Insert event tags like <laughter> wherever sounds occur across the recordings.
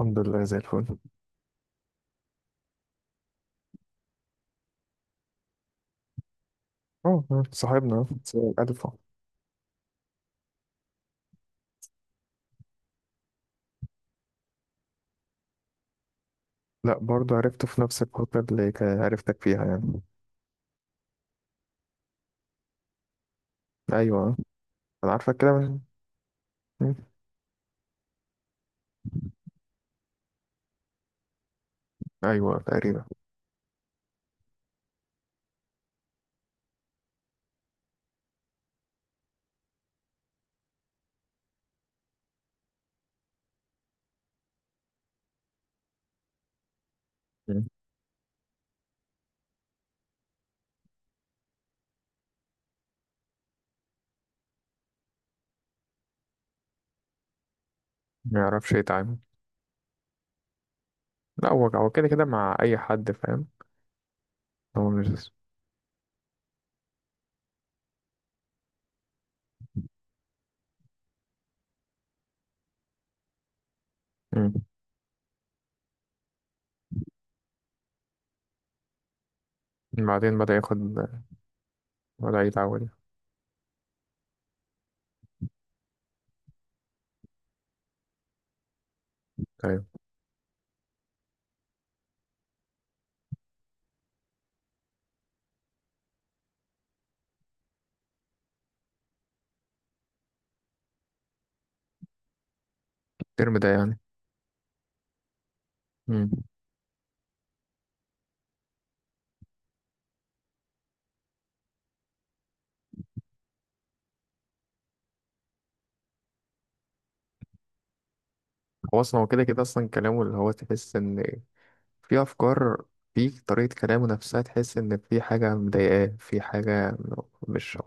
الحمد لله زي الفل. اه صاحبنا صاحب ألفا. لا برضه عرفته في نفس الفترة اللي عرفتك فيها يعني. أيوة، أنا عارفك كده من. مم. أيوة تقريبا. مم. ما يعرفش يتعامل. لا هو كده كده مع أي حد فاهم. هو مش. مم. بعدين بدأ ياخد. بدأ يتعود. أيوة. الترم ده يعني. مم. هو أصلا هو كده كده أصلا كلامه اللي هو تحس إن في أفكار، في طريقة كلامه نفسها تحس إن في حاجة مضايقاه، في حاجة. مش.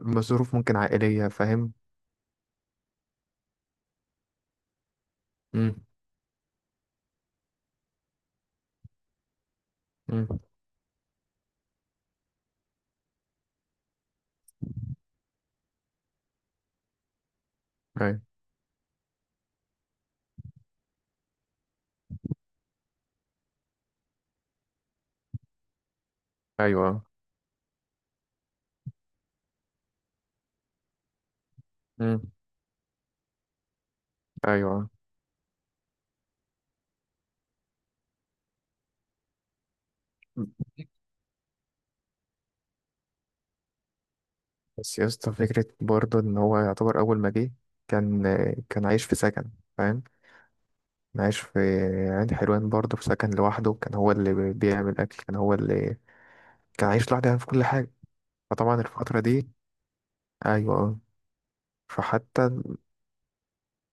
ماشي. ظروف ممكن عائلية فاهم. امم. امم. أيوة. أيوة. امم. أيوة. بس يا اسطى فكرة برضه إن هو يعتبر أول ما جه، كان، كان عايش في سكن فاهم، كان عايش في عين حلوان برضه في سكن لوحده، كان هو اللي بيعمل أكل، كان هو اللي كان عايش لوحده يعني في كل حاجة. فطبعا الفترة دي. أيوة. فحتى.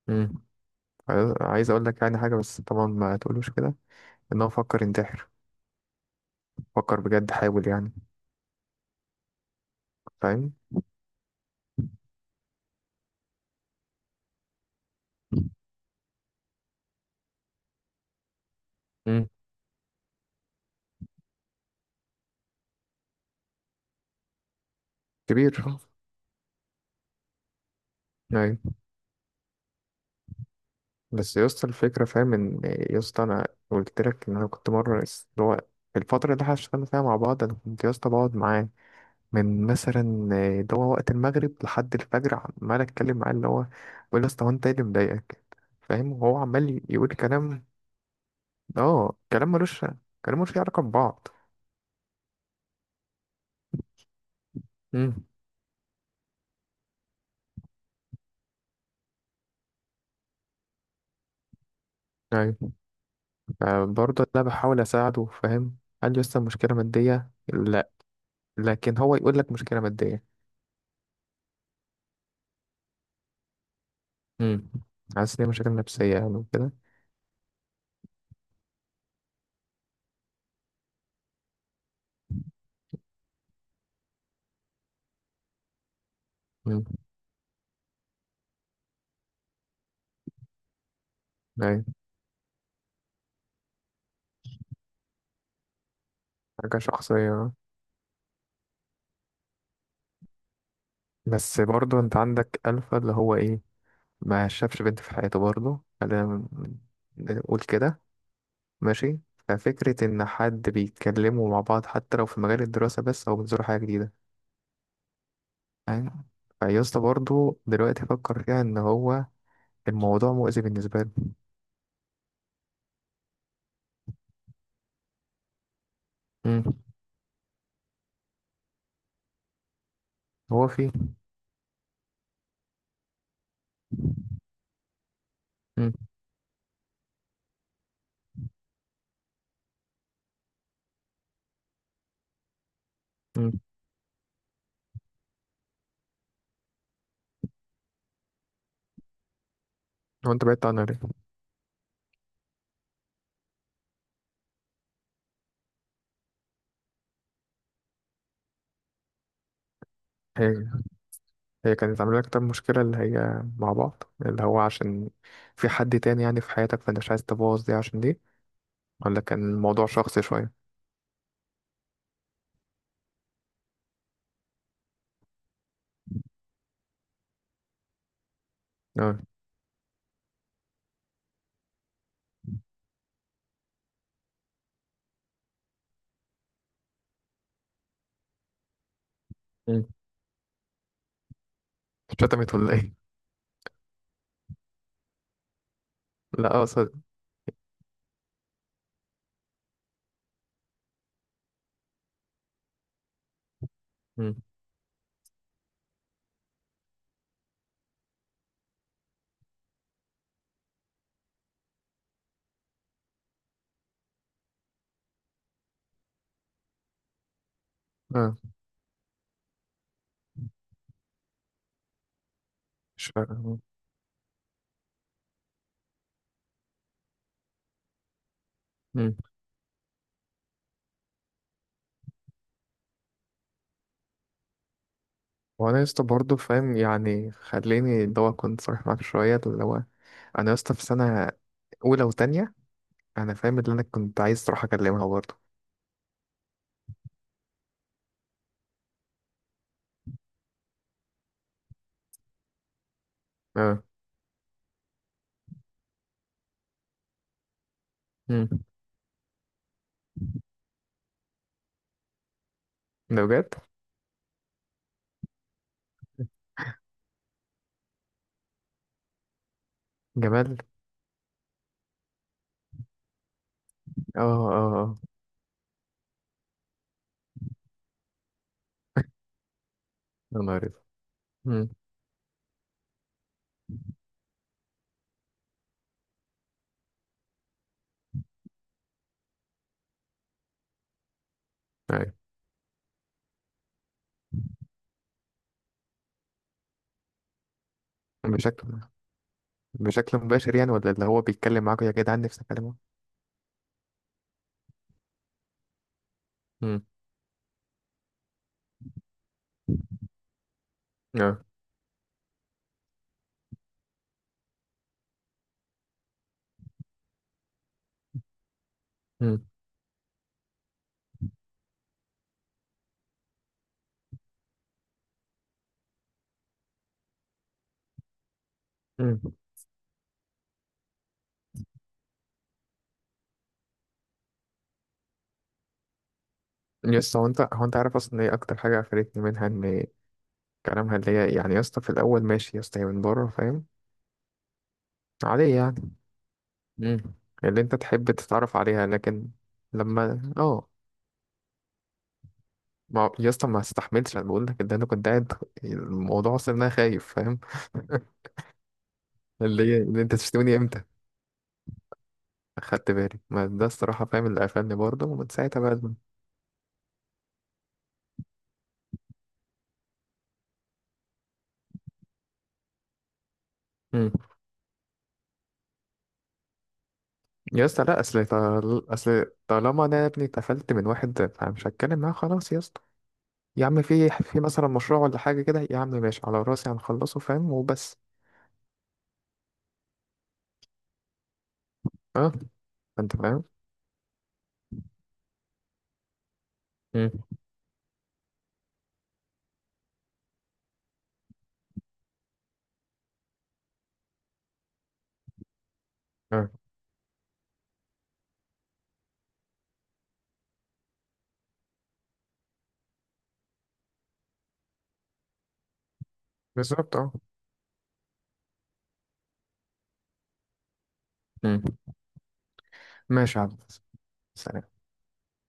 امم. عايز أقول لك يعني حاجة بس طبعا ما تقولوش كده، إن هو فكر ينتحر. فكر بجد حاول يعني فاهم. كبير اه. يعني. بس يا اسطى الفكرة فاهم ان، يا اسطى انا قلت لك ان انا كنت مرة اللي هو الفترة اللي احنا اشتغلنا فيها مع بعض، انا كنت يا اسطى بقعد معاه من مثلا اللي هو وقت المغرب لحد الفجر، عمال اتكلم معاه اللي هو بقول يا اسطى هو انت ايه اللي مضايقك فاهم، وهو عمال يقول كلام. اه كلام ملوش، كلام ملوش علاقة ببعض. امم. ايوه. برضه انا بحاول اساعده فاهم. قال لي يا اسطى مشكلة مادية لا، لكن هو يقول لك مشكلة مادية. امم. حاسس ان هي مشاكل نفسية يعني وكده. امم. أيوة. حاجة شخصية. بس برضو انت عندك ألفا اللي هو ايه، ما شافش بنت في حياته برضو خلينا ن- نقول كده. ماشي. ففكرة إن حد بيتكلموا مع بعض حتى لو في مجال الدراسة بس أو بيزوروا حاجة جديدة فاهم. فيسطا برضو دلوقتي فكر فيها إن هو الموضوع مؤذي بالنسبة له. امم. هو فيه. امم. امم. هو انت بعدت عنها ليه؟ هي كانت عاملة لك طب مشكلة اللي هي مع بعض اللي هو عشان في حد تاني يعني في حياتك فانت مش عايز تبوظ دي عشان دي؟ ولا كان الموضوع شخصي شوية؟ اه. مم. شتمت ولا ايه؟ <laughs> لا اقصد. مم. اه. مش فاهم. مم. وانا يا اسطى برضه فاهم يعني خليني اللي هو كنت صريح معاك شوية اللي هو انا يا اسطى في سنة اولى وتانية، انا فاهم اللي انا كنت عايز اروح اكلمها برضه. اه. مم. ده بجد؟ جمال. اه اه اه. يا نهار أسود. مم. أيوة. بشكل بشكل مباشر يعني ولا اللي هو بيتكلم معاك يا جدعان نفسي اكلمه؟ امم. اه. امم. امم. يا اسطى هو انت عارف اصلا ايه اكتر حاجه قفلتني منها ان كلامها اللي هي يعني، يا اسطى في الاول ماشي يا اسطى هي من بره فاهم عاديه يعني. امم. اللي انت تحب تتعرف عليها لكن. لما اه. ما هو- يا اسطى ما استحملتش، انا بقول لك ان انا كنت قاعد الموضوع اصلا إن انا خايف فاهم. <laughs> اللي هي اللي انت تشتمني امتى. اخدت بالي ما ده الصراحه فاهم، اللي قفلني برضه ومن ساعتها بقى. يا اسطى لا اصل اصل طالما انا يا ابني اتقفلت من واحد فمش هتكلم معاه خلاص يا اسطى. يا عم في مثلا مشروع ولا حاجه كده يا عم ماشي على راسي هنخلصه فاهم وبس. اه. انت فاهم. امم. اه. بالظبط اه. امم. ماشي يا عم. سلام.